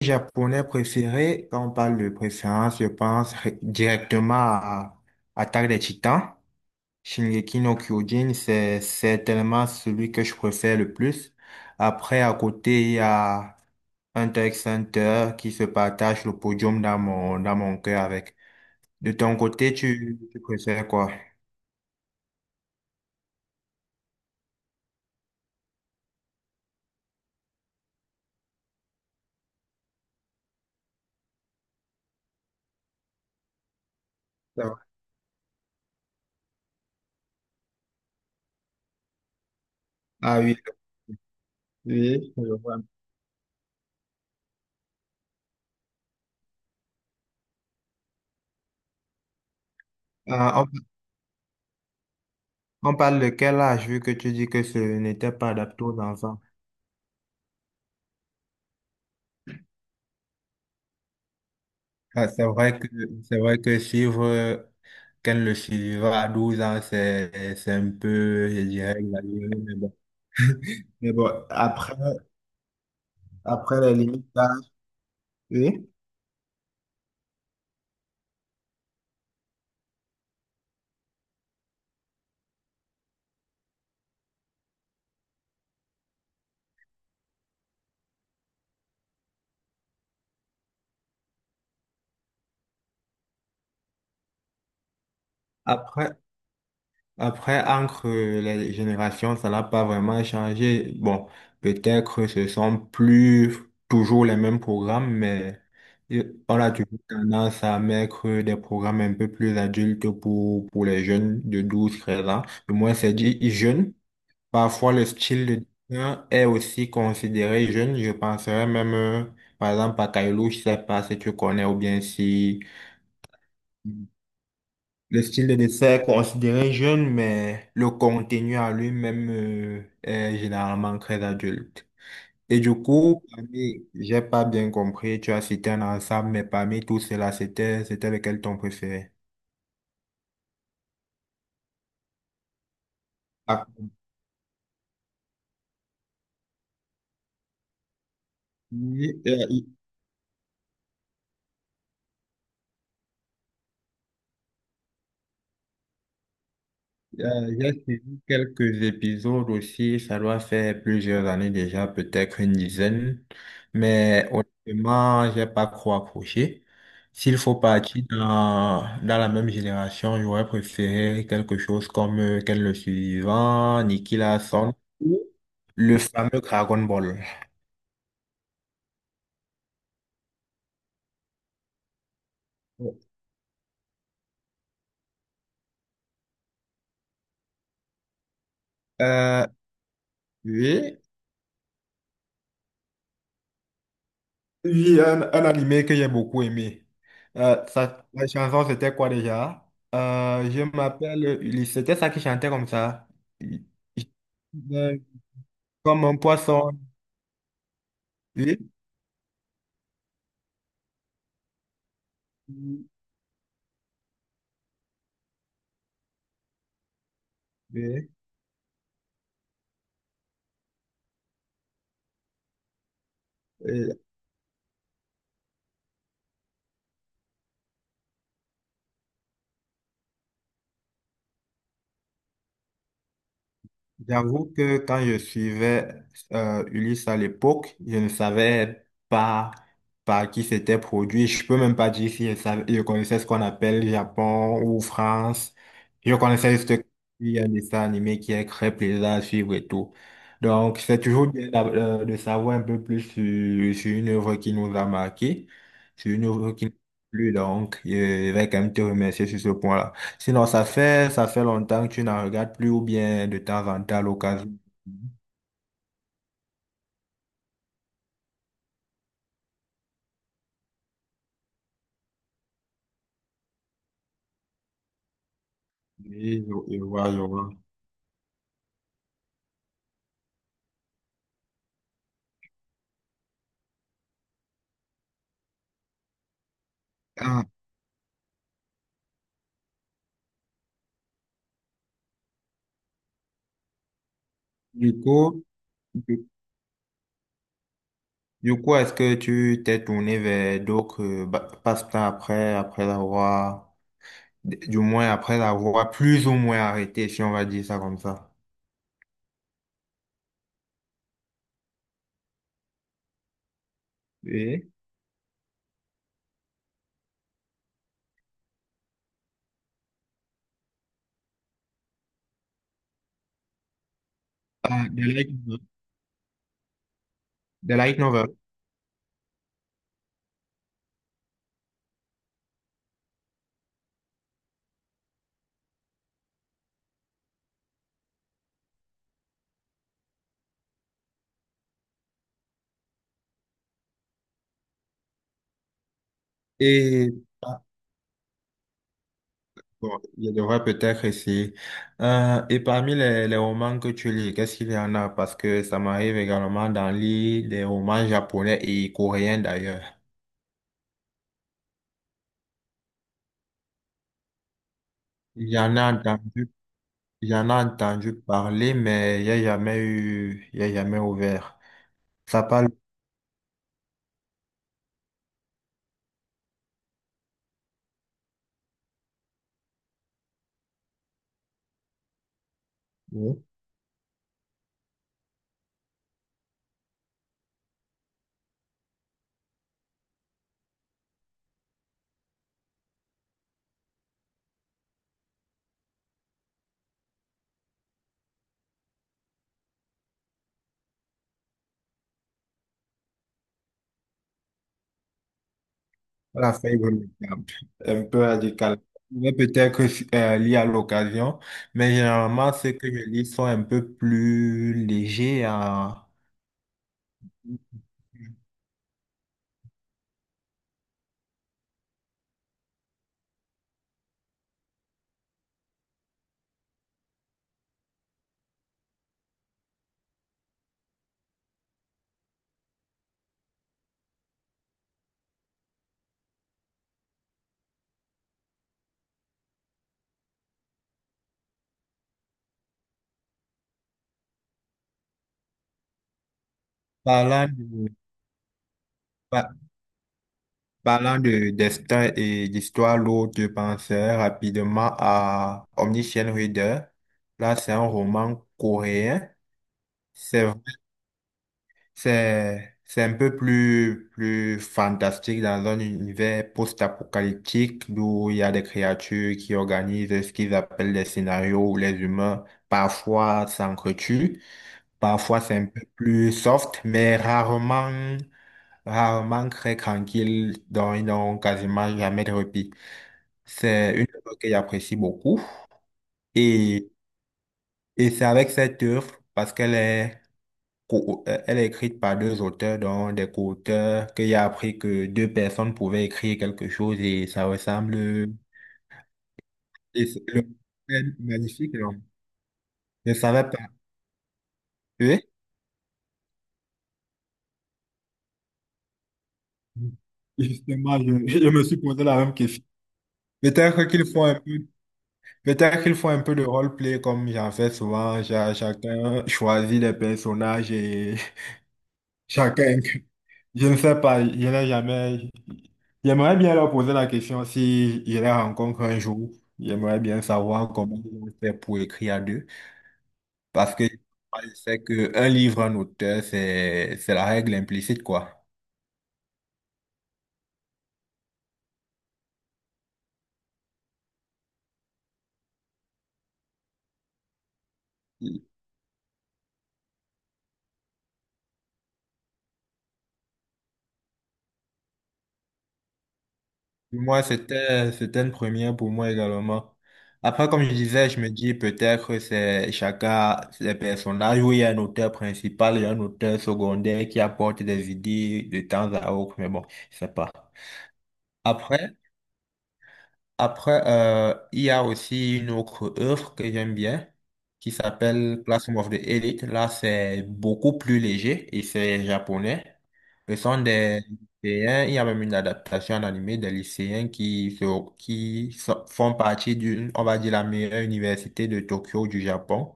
Japonais préféré, quand on parle de préférence, je pense directement à Attaque des Titans. Shingeki no Kyojin, c'est certainement celui que je préfère le plus. Après, à côté, il y a Hunter x Hunter qui se partage le podium dans mon cœur avec. De ton côté, tu préfères quoi? Ça va. Ah oui. Oui, je vois. On, on parle de quel âge, vu que tu dis que ce n'était pas adapté aux enfants? Ah, c'est vrai que suivre, qu'elle le suivra à 12 ans, c'est un peu, je dirais, exagéré, mais bon. Mais bon, après les limites d'âge, oui. Après, après, entre les générations, ça n'a pas vraiment changé. Bon, peut-être ce sont plus toujours les mêmes programmes, mais on a toujours tendance à mettre des programmes un peu plus adultes pour, les jeunes de 12-13 ans. Du moins, c'est dit jeunes. Parfois, le style de dessin est aussi considéré jeune. Je penserais même, par exemple, à Kailou, je sais pas si tu connais ou bien si le style de dessin est considéré jeune, mais le contenu à lui-même, est généralement très adulte. Et du coup, j'ai pas bien compris, tu as cité un ensemble, mais parmi tous ceux-là, c'était lequel ton préféré? Ah, oui. J'ai suivi quelques épisodes aussi, ça doit faire plusieurs années déjà, peut-être une dizaine, mais honnêtement, j'ai pas trop accroché. S'il faut partir dans la même génération, j'aurais préféré quelque chose comme Ken le Suivant, Nicky Larson, ou le fameux Dragon Ball. Euh, oui, Oui, un animé que j'ai beaucoup aimé. La chanson, c'était quoi déjà? Je m'appelle Ulysse. C'était ça qui chantait comme ça. Il- il- euh, Comme un poisson. Oui. Oui. Et- J'avoue que quand je suivais Ulysse à l'époque, je ne savais pas par qui c'était produit. Je peux même pas dire si je connaissais ce qu'on appelle Japon ou France. Je connaissais juste qu'il y a un dessin animé qui est très plaisant à suivre et tout. Donc, c'est toujours bien de savoir un peu plus sur, une œuvre qui nous a marqué, sur une œuvre qui nous a plu. Donc, je vais quand même te remercier sur ce point-là. Sinon, ça fait longtemps que tu n'en regardes plus ou bien de temps en temps à l'occasion. Oui, je vois, je vois. Ah, du coup, du, du coup, est-ce que tu t'es tourné vers d'autres passe-temps après, du moins après avoir plus ou moins arrêté, si on va dire ça comme ça? Oui. Ah, de light, novel. The light novel. Et ah, bon, je devrais peut-être essayer. Et parmi les, romans que tu lis, qu'est-ce qu'il y en a? Parce que ça m'arrive également d'en lire des romans japonais et coréens d'ailleurs. J'en ai entendu, j'en ai entendu parler, mais il n'y a jamais eu, il n'y a jamais ouvert. Ça parle de la feuille remarquable, un peu radical. Mais peut-être lire à l'occasion, mais généralement, ceux que je lis sont un peu plus légers en parlant de, parlant de destin et d'histoire lourde, je pensais rapidement à Omniscient Reader. Là, c'est un roman coréen. C'est vrai- c'est un peu plus, fantastique dans un univers post-apocalyptique où il y a des créatures qui organisent ce qu'ils appellent des scénarios où les humains parfois s'entretuent. Parfois, c'est un peu plus soft, mais rarement, rarement très tranquille. Donc, ils n'ont quasiment jamais de repos. C'est une œuvre que j'apprécie beaucoup. Et, et c'est avec cette œuvre, parce qu'elle est, elle est écrite par deux auteurs, dont des co-auteurs, que j'ai appris que deux personnes pouvaient écrire quelque chose et ça ressemble. Et c'est le- c'est magnifique, non? Je ne savais pas. Oui? Justement, je me suis posé la même question. Peut-être qu'il faut un peu Peut-être qu'ils font un peu de roleplay comme j'en fais souvent. Chacun choisit les personnages et chacun. Je ne sais pas, je n'ai jamais. J'aimerais bien leur poser la question si je les rencontre un jour. J'aimerais bien savoir comment ils ont fait pour écrire à deux. Parce que je sais qu'un livre, un auteur, c'est la règle implicite, quoi. Moi, c'était une première pour moi également. Après, comme je disais, je me dis peut-être que c'est chacun ses personnages où il y a un auteur principal et un auteur secondaire qui apporte des idées de temps à autre, mais bon, je sais pas. Après, après, il y a aussi une autre œuvre que j'aime bien qui s'appelle Classroom of the Elite. Là, c'est beaucoup plus léger et c'est japonais. Ce sont des lycéens, il y a même une adaptation en animé des lycéens qui, font partie d'une, on va dire, la meilleure université de Tokyo du Japon.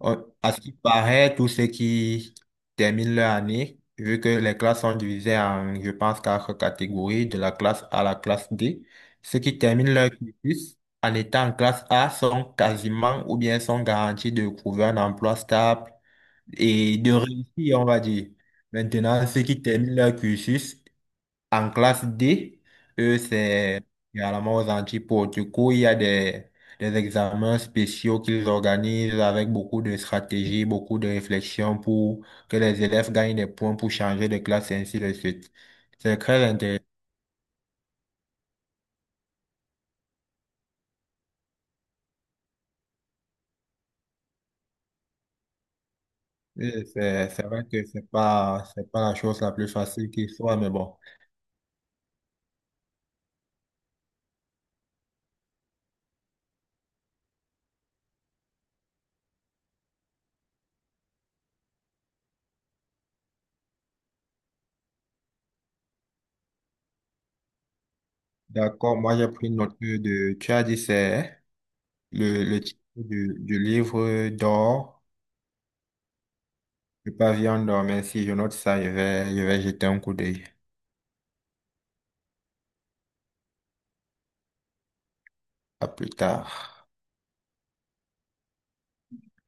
À ce qui paraît, tous ceux qui terminent leur année, vu que les classes sont divisées en, je pense, quatre catégories, de la classe A à la classe D, ceux qui terminent leur cursus en étant en classe A sont quasiment ou bien sont garantis de trouver un emploi stable et de réussir, on va dire. Maintenant, ceux qui terminent leur cursus en classe D, eux, c'est également aux antipodes. Du coup, il y a des examens spéciaux qu'ils organisent avec beaucoup de stratégies, beaucoup de réflexions pour que les élèves gagnent des points pour changer de classe et ainsi de suite. C'est très intéressant. Et c'est vrai que c'est pas la chose la plus facile qui soit, mais bon. D'accord, moi j'ai pris note de, tu as dit c'est le, titre du, livre d'or, le pavillon d'or, mais si je note ça, je vais, jeter un coup d'œil. À plus tard.